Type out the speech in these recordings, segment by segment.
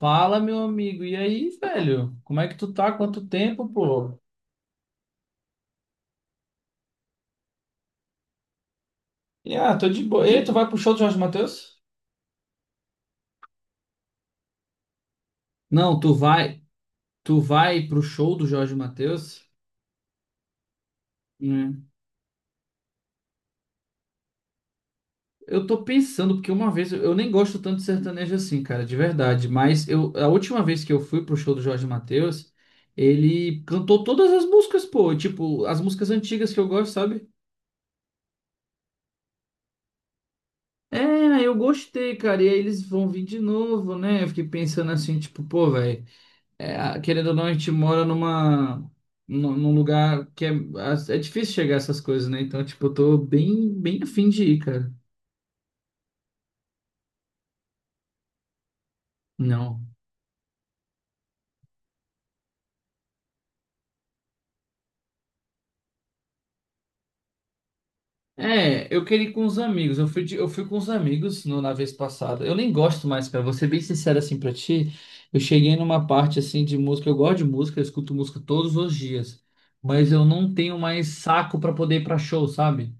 Fala, meu amigo. E aí, velho? Como é que tu tá? Quanto tempo, pô? Tô de boa. E tu vai pro show do Jorge Mateus? Não, tu vai pro show do Jorge Mateus? Hum. Eu tô pensando, porque uma vez eu nem gosto tanto de sertanejo assim, cara, de verdade. Mas eu, a última vez que eu fui pro show do Jorge Mateus, ele cantou todas as músicas, pô. Tipo, as músicas antigas que eu gosto, sabe? É, eu gostei, cara. E aí eles vão vir de novo, né? Eu fiquei pensando assim, tipo, pô, velho. É, querendo ou não, a gente mora num lugar que é, é difícil chegar a essas coisas, né? Então, tipo, eu tô bem afim de ir, cara. Não. É, eu queria ir com os amigos. Eu fui com os amigos na vez passada. Eu nem gosto mais, cara. Vou ser bem sincero assim pra ti. Eu cheguei numa parte assim de música. Eu gosto de música, eu escuto música todos os dias. Mas eu não tenho mais saco pra poder ir pra show, sabe?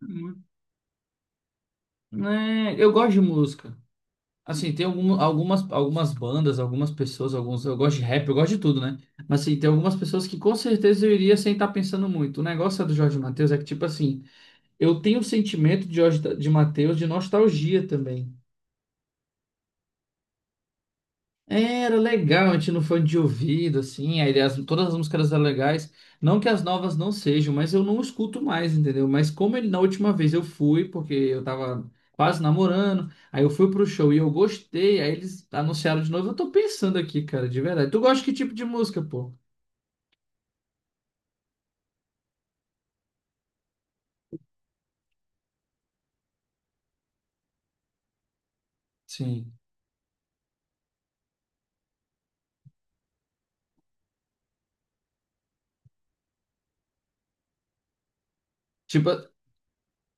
Hum. É, eu gosto de música. Assim, tem algumas bandas, algumas pessoas, alguns. Eu gosto de rap, eu gosto de tudo, né? Mas assim, tem algumas pessoas que com certeza eu iria sem estar pensando muito. O negócio é do Jorge Mateus é que, tipo assim, eu tenho o sentimento de Jorge de Mateus de nostalgia também. É, era legal, a gente não foi de ouvido, assim, todas as músicas eram legais. Não que as novas não sejam, mas eu não escuto mais, entendeu? Mas como ele, na última vez eu fui, porque eu tava quase namorando, aí eu fui pro show e eu gostei, aí eles anunciaram de novo. Eu tô pensando aqui, cara, de verdade. Tu gosta de que tipo de música, pô? Sim. Tipo,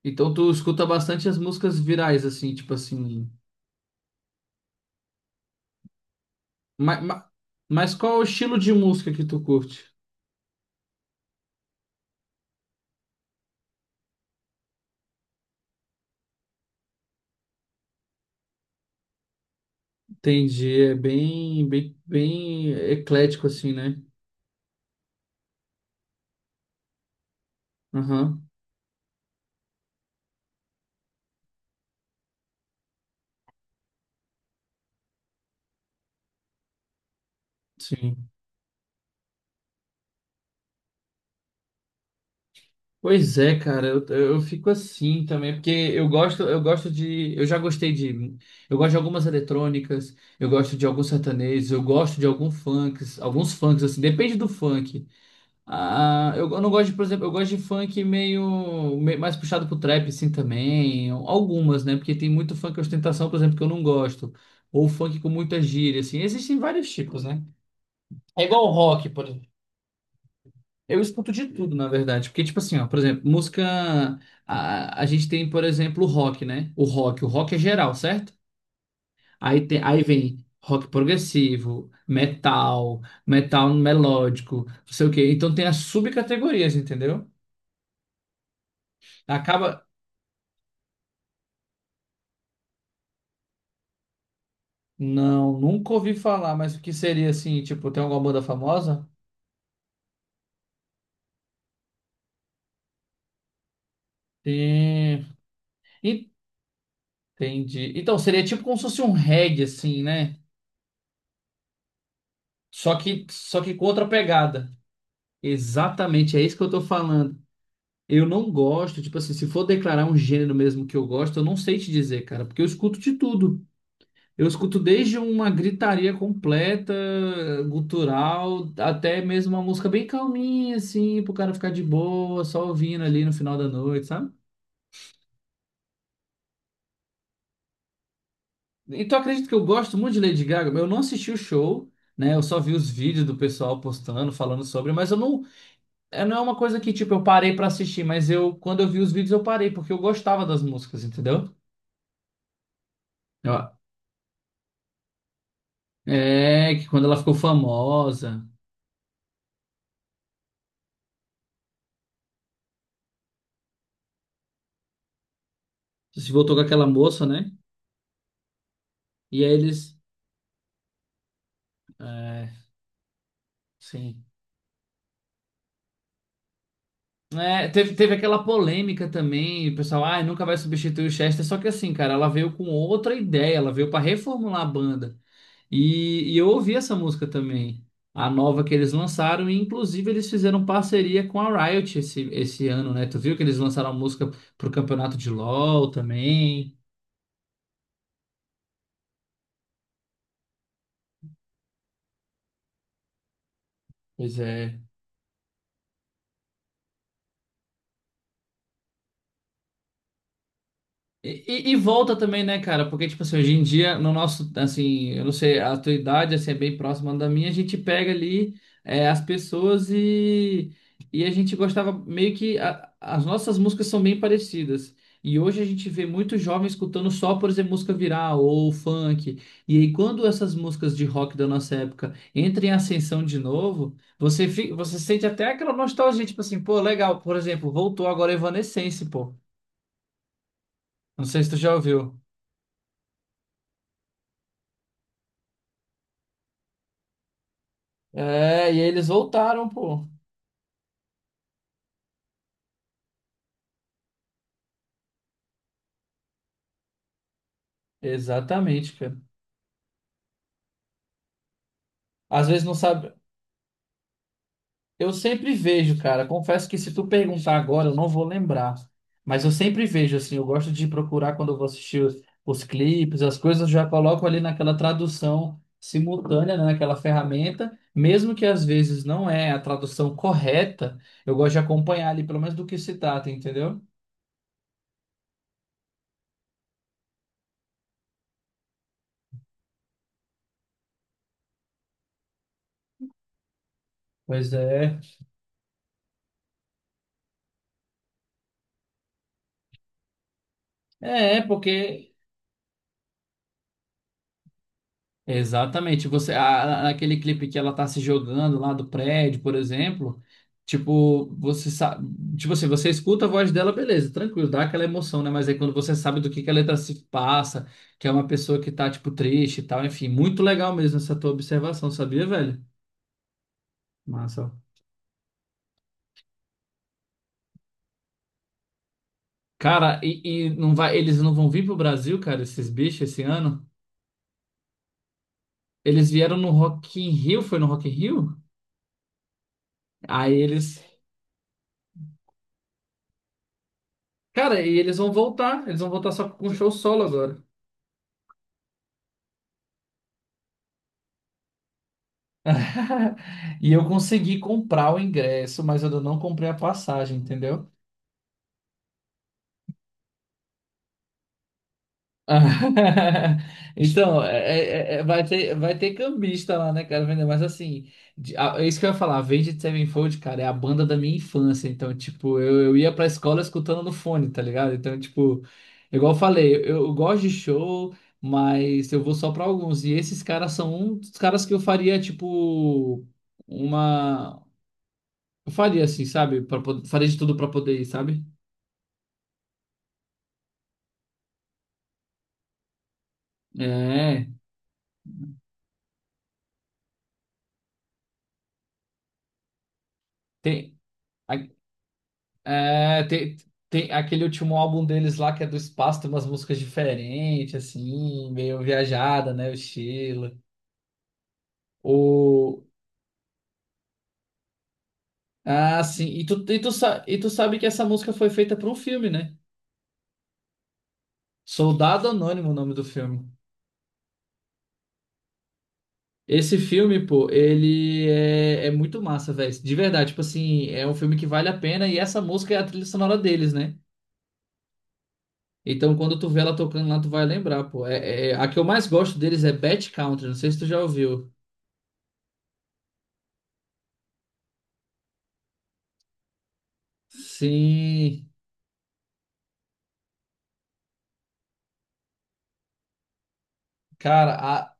então tu escuta bastante as músicas virais, assim, tipo assim. Mas, mas qual é o estilo de música que tu curte? Entendi, é bem eclético assim, né? Aham, sim. Pois é, cara, eu fico assim também, porque eu gosto de, eu já gostei de, eu gosto de algumas eletrônicas, eu gosto de alguns sertanejos, eu gosto de alguns funks assim, depende do funk. Ah, eu não gosto de, por exemplo, eu gosto de funk mais puxado pro trap assim também, algumas, né? Porque tem muito funk ostentação, por exemplo, que eu não gosto, ou funk com muita gíria assim. Existem vários tipos, né? É igual o rock, por exemplo. Eu escuto de tudo, na verdade. Porque, tipo assim, ó, por exemplo, música. A gente tem, por exemplo, o rock, né? O rock. O rock é geral, certo? Aí, tem... Aí vem rock progressivo, metal, metal melódico, não sei o quê. Então tem as subcategorias, entendeu? Acaba. Não, nunca ouvi falar, mas o que seria assim, tipo, tem alguma banda famosa? Tem. Entendi. Então, seria tipo como se fosse um reggae, assim, né? Só que com outra pegada. Exatamente, é isso que eu tô falando. Eu não gosto, tipo assim, se for declarar um gênero mesmo que eu gosto, eu não sei te dizer, cara, porque eu escuto de tudo. Eu escuto desde uma gritaria completa, gutural, até mesmo uma música bem calminha, assim, pro cara ficar de boa, só ouvindo ali no final da noite, sabe? Então eu acredito que eu gosto muito de Lady Gaga, eu não assisti o show, né? Eu só vi os vídeos do pessoal postando, falando sobre, mas eu não é, não é uma coisa que, tipo, eu parei pra assistir, mas eu, quando eu vi os vídeos, eu parei, porque eu gostava das músicas, entendeu? Ó, é, que quando ela ficou famosa, se voltou com aquela moça, né? E aí eles. É, sim. É, teve aquela polêmica também, o pessoal, ah, nunca vai substituir o Chester, só que assim, cara, ela veio com outra ideia, ela veio pra reformular a banda. E eu ouvi essa música também, a nova que eles lançaram, e inclusive eles fizeram parceria com a Riot esse ano, né? Tu viu que eles lançaram a música pro campeonato de LoL também? Pois é. E, e volta também, né, cara? Porque, tipo assim, hoje em dia, no nosso, assim, eu não sei, a tua idade, assim, é bem próxima da minha, a gente pega ali é, as pessoas e a gente gostava meio que as nossas músicas são bem parecidas. E hoje a gente vê muitos jovens escutando só, por exemplo, música viral ou funk. E aí, quando essas músicas de rock da nossa época entram em ascensão de novo, você sente até aquela nostalgia, tipo assim, pô, legal, por exemplo, voltou agora Evanescence, pô. Não sei se tu já ouviu. É, e eles voltaram, pô. Exatamente, cara. Às vezes não sabe. Eu sempre vejo, cara. Confesso que se tu perguntar agora, eu não vou lembrar. Mas eu sempre vejo, assim. Eu gosto de procurar quando eu vou assistir os clipes, as coisas, eu já coloco ali naquela tradução simultânea, né, naquela ferramenta. Mesmo que às vezes não é a tradução correta, eu gosto de acompanhar ali, pelo menos do que se trata, entendeu? Pois é. É, porque Exatamente. Você, naquele clipe que ela tá se jogando lá do prédio, por exemplo, tipo, você sabe, tipo assim, você escuta a voz dela, beleza, tranquilo, dá aquela emoção, né? Mas aí quando você sabe do que a letra se passa, que é uma pessoa que tá, tipo, triste e tal, enfim, muito legal mesmo essa tua observação, sabia, velho? Massa. Cara, e não vai, eles não vão vir pro Brasil, cara, esses bichos esse ano? Eles vieram no Rock in Rio, foi no Rock in Rio? Aí eles, cara, e eles vão voltar só com um show solo agora. E eu consegui comprar o ingresso, mas eu não comprei a passagem, entendeu? Então, é- é, vai ter cambista lá, né, cara, vender, mas assim, é isso que eu ia falar, Avenged Sevenfold, cara, é a banda da minha infância, então, tipo, eu ia pra escola escutando no fone, tá ligado? Então, tipo, igual eu falei, eu gosto de show, mas eu vou só pra alguns, e esses caras são um dos caras que eu faria, tipo, uma. Eu faria assim, sabe? Faria de tudo pra poder ir, sabe? É, tem, a- é, tem, tem aquele último álbum deles lá que é do espaço, tem umas músicas diferentes, assim, meio viajada, né? O estilo. O, ah, sim. E tu sabe que essa música foi feita pra um filme, né? Soldado Anônimo, o nome do filme. Esse filme, pô, é muito massa, velho. De verdade, tipo assim, é um filme que vale a pena e essa música é a trilha sonora deles, né? Então, quando tu vê ela tocando lá, tu vai lembrar, pô. É, a que eu mais gosto deles é Bad Country, não sei se tu já ouviu. Sim, cara, a-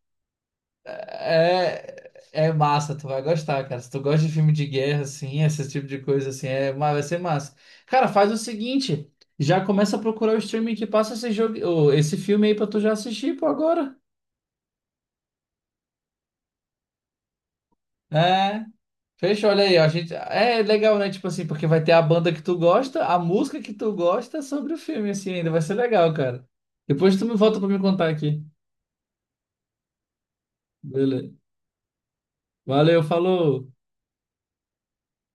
é, é massa, tu vai gostar, cara. Se tu gosta de filme de guerra, assim, esse tipo de coisa, assim, é, vai ser massa. Cara, faz o seguinte, já começa a procurar o streaming que passa esse filme aí pra tu já assistir, pô, agora. É. Fechou, olha aí, ó, a gente é legal, né? Tipo assim, porque vai ter a banda que tu gosta, a música que tu gosta sobre o filme, assim, ainda vai ser legal, cara. Depois tu me volta pra me contar aqui. Beleza. Valeu, falou.